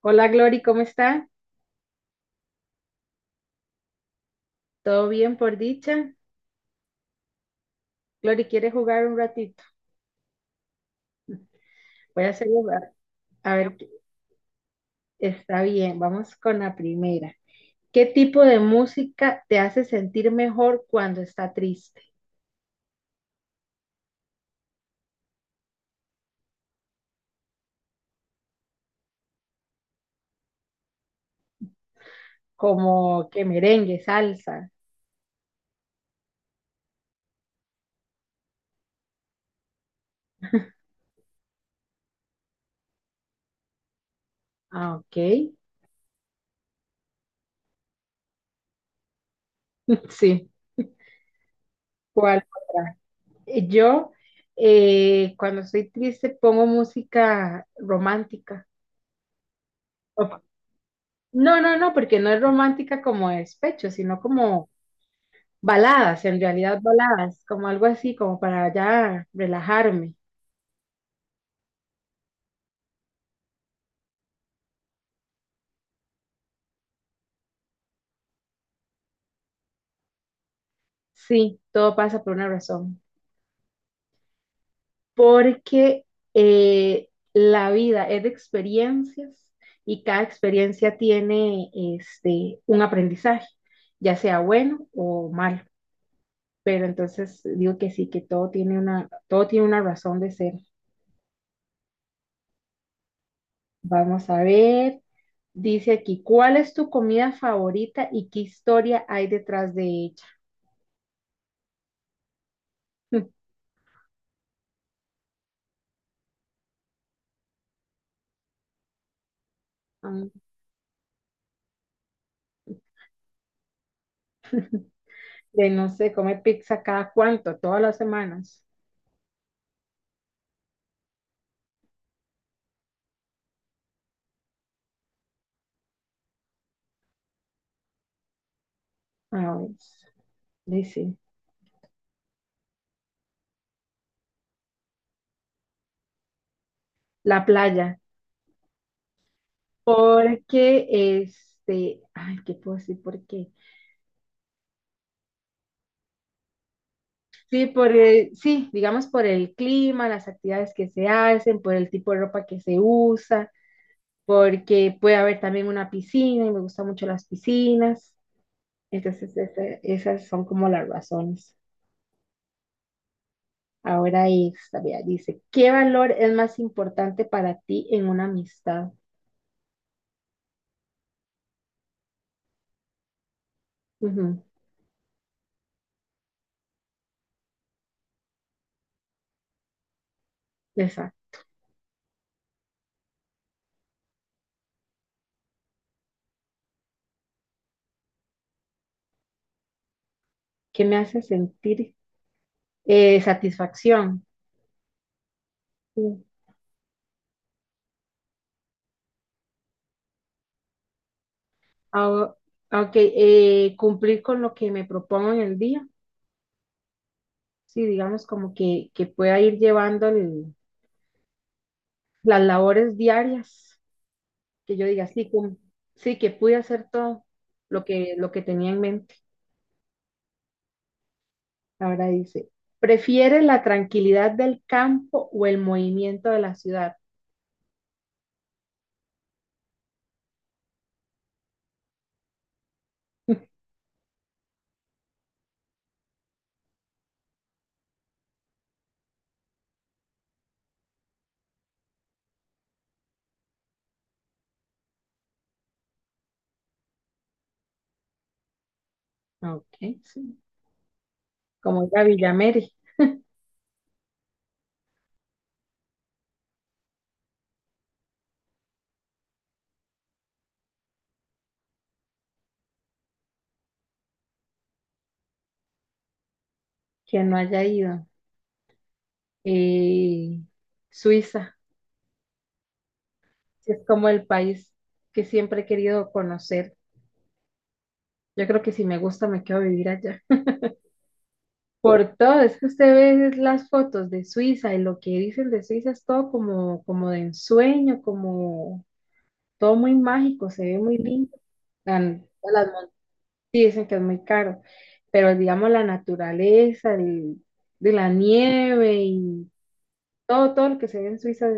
Hola Glory, ¿cómo está? ¿Todo bien por dicha? Glory, ¿quiere jugar un ratito? Voy a hacer a ver, qué- está bien, vamos con la primera. ¿Qué tipo de música te hace sentir mejor cuando está triste? Como que merengue, salsa. Ah, ok. Sí. ¿Cuál otra? Yo, cuando estoy triste, pongo música romántica. O- No, no, no, porque no es romántica como despecho, sino como baladas, en realidad baladas, como algo así, como para ya relajarme. Sí, todo pasa por una razón. Porque la vida es de experiencias y cada experiencia tiene un aprendizaje, ya sea bueno o malo. Pero entonces digo que sí, que todo tiene una razón de ser. Vamos a ver. Dice aquí, ¿cuál es tu comida favorita y qué historia hay detrás de ella? De no sé, comer pizza cada cuánto, todas las semanas. Ah, pues, sí, sí. La playa. Porque, ay, ¿qué puedo decir? ¿Por qué? Sí, por el- sí, digamos por el clima, las actividades que se hacen, por el tipo de ropa que se usa, porque puede haber también una piscina y me gustan mucho las piscinas. Entonces, ese- esas son como las razones. Ahora esta, vea, dice, ¿qué valor es más importante para ti en una amistad? Ujú, exacto. Que me hace sentir satisfacción. Sí. Ahora, ok, cumplir con lo que me propongo en el día. Sí, digamos como que pueda ir llevando el- las labores diarias, que yo diga, sí, cum- sí, que pude hacer todo lo que tenía en mente. Ahora dice, ¿prefiere la tranquilidad del campo o el movimiento de la ciudad? Ok, sí. Como ir a Villamere, que no haya ido. Eh, Suiza. Sí, es como el país que siempre he querido conocer. Yo creo que si me gusta, me quedo a vivir allá. Por todo, es que usted ve las fotos de Suiza y lo que dicen de Suiza es todo como, como de ensueño, como todo muy mágico, se ve muy lindo. Tan- Las montañas dicen que es muy caro, pero digamos la naturaleza, el- de la nieve y todo, todo lo que se ve en Suiza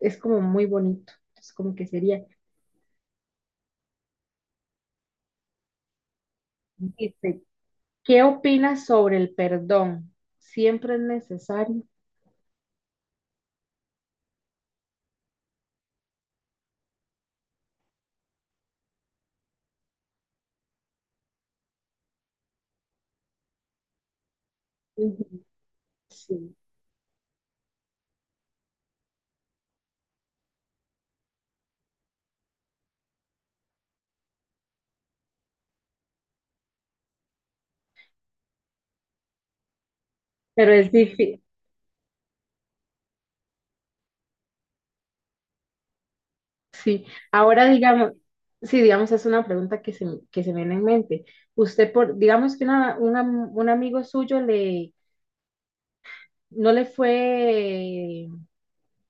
es como muy bonito. Es como que sería ¿qué opinas sobre el perdón? ¿Siempre es necesario? Ujú, sí. Pero es difícil, sí. Ahora digamos, sí, digamos, es una pregunta que se me viene en mente. Usted, por, digamos que una- un amigo suyo le, no le fue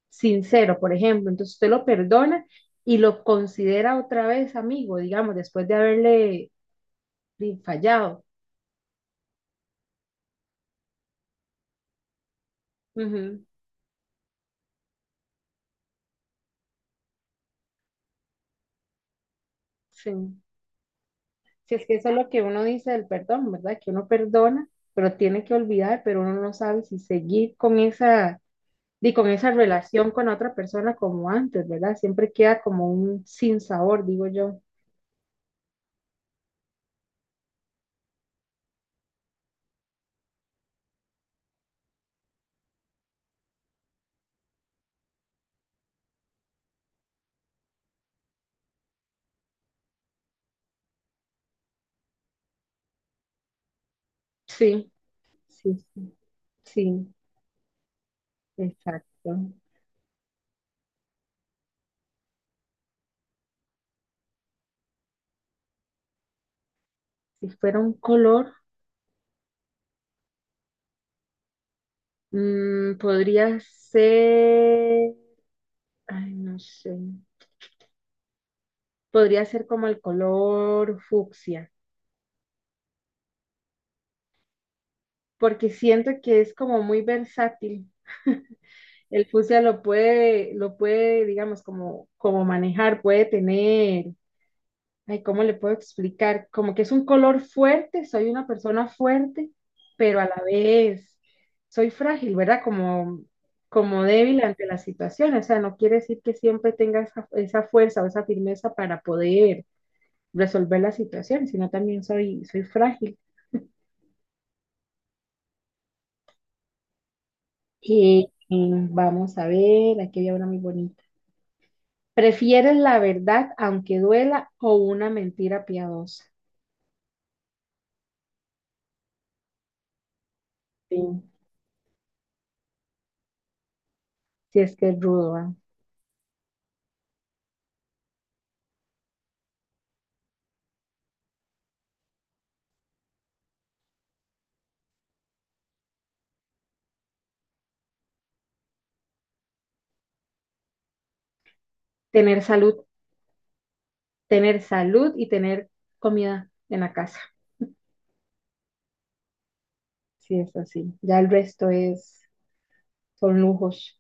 sincero, por ejemplo, entonces usted lo perdona y lo considera otra vez amigo, digamos, después de haberle di, fallado. Ujú, sí. Si es que eso es lo que uno dice del perdón, ¿verdad? Que uno perdona, pero tiene que olvidar, pero uno no sabe si seguir con esa, y con esa relación con otra persona como antes, ¿verdad? Siempre queda como un sinsabor, digo yo. Sí, sí, sí, sí, exacto. Si fuera un color, mm, podría ser, ay, no sé, podría ser como el color fucsia, porque siento que es como muy versátil. El fucsia lo puede, digamos, como, como manejar, puede tener, ay, ¿cómo le puedo explicar? Como que es un color fuerte, soy una persona fuerte, pero a la vez soy frágil, ¿verdad? Como, como débil ante las situaciones, o sea, no quiere decir que siempre tenga esa, esa fuerza o esa firmeza para poder resolver la situación, sino también soy, soy frágil. Y vamos a ver, aquí había una muy bonita. ¿Prefieres la verdad aunque duela o una mentira piadosa? Sí. Si es que es rudo, ¿va? Tener salud, tener salud y tener comida en la casa. Sí es así. Ya el resto es, son lujos.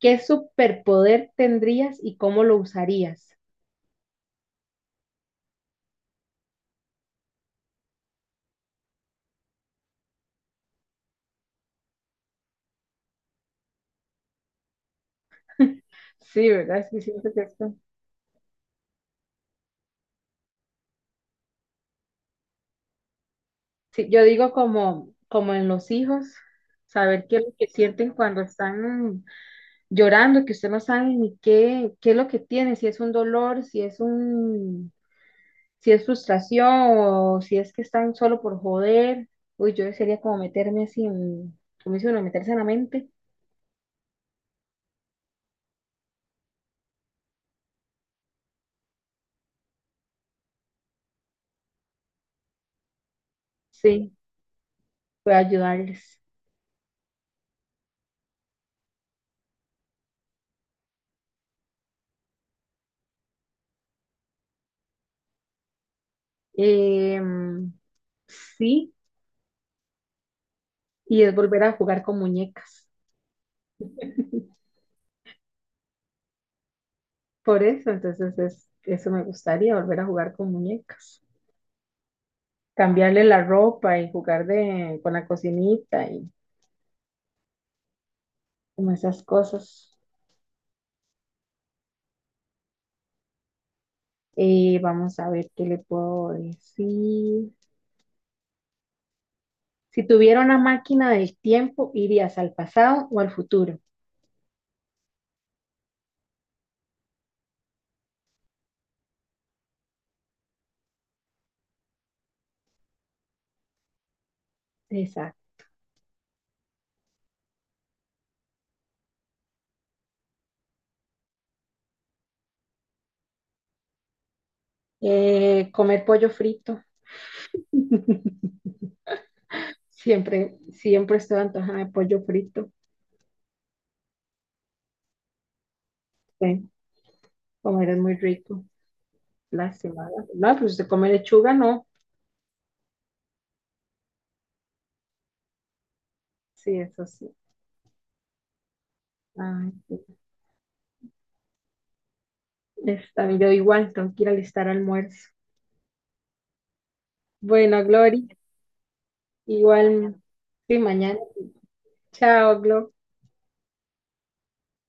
¿Qué superpoder tendrías y cómo lo usarías? Sí, ¿verdad? Es que siento que esto. Sí, yo digo como, como en los hijos, saber qué es lo que sienten cuando están llorando, que usted no sabe ni qué, qué es lo que tiene, si es un dolor, si es un, si es frustración o si es que están solo por joder. Uy, yo sería como meterme así en, como dice uno, meterse en la mente. Sí, puedo ayudarles. Em, sí, y es volver a jugar con muñecas. Por eso, entonces es, eso me gustaría, volver a jugar con muñecas. Cambiarle la ropa y jugar de, con la cocinita y como esas cosas. Vamos a ver qué le puedo decir. Si tuviera una máquina del tiempo, ¿irías al pasado o al futuro? Exacto. Comer pollo frito. Siempre, siempre estoy antojada de pollo frito. Sí, comer es muy rico. Lástima. ¿Verdad? No, pues se come lechuga, no. Sí, eso sí. Ay, sí. Está, bien, yo igual tengo que ir a alistar almuerzo. Bueno, Glory, igual, sí, mañana. Chao, Glory.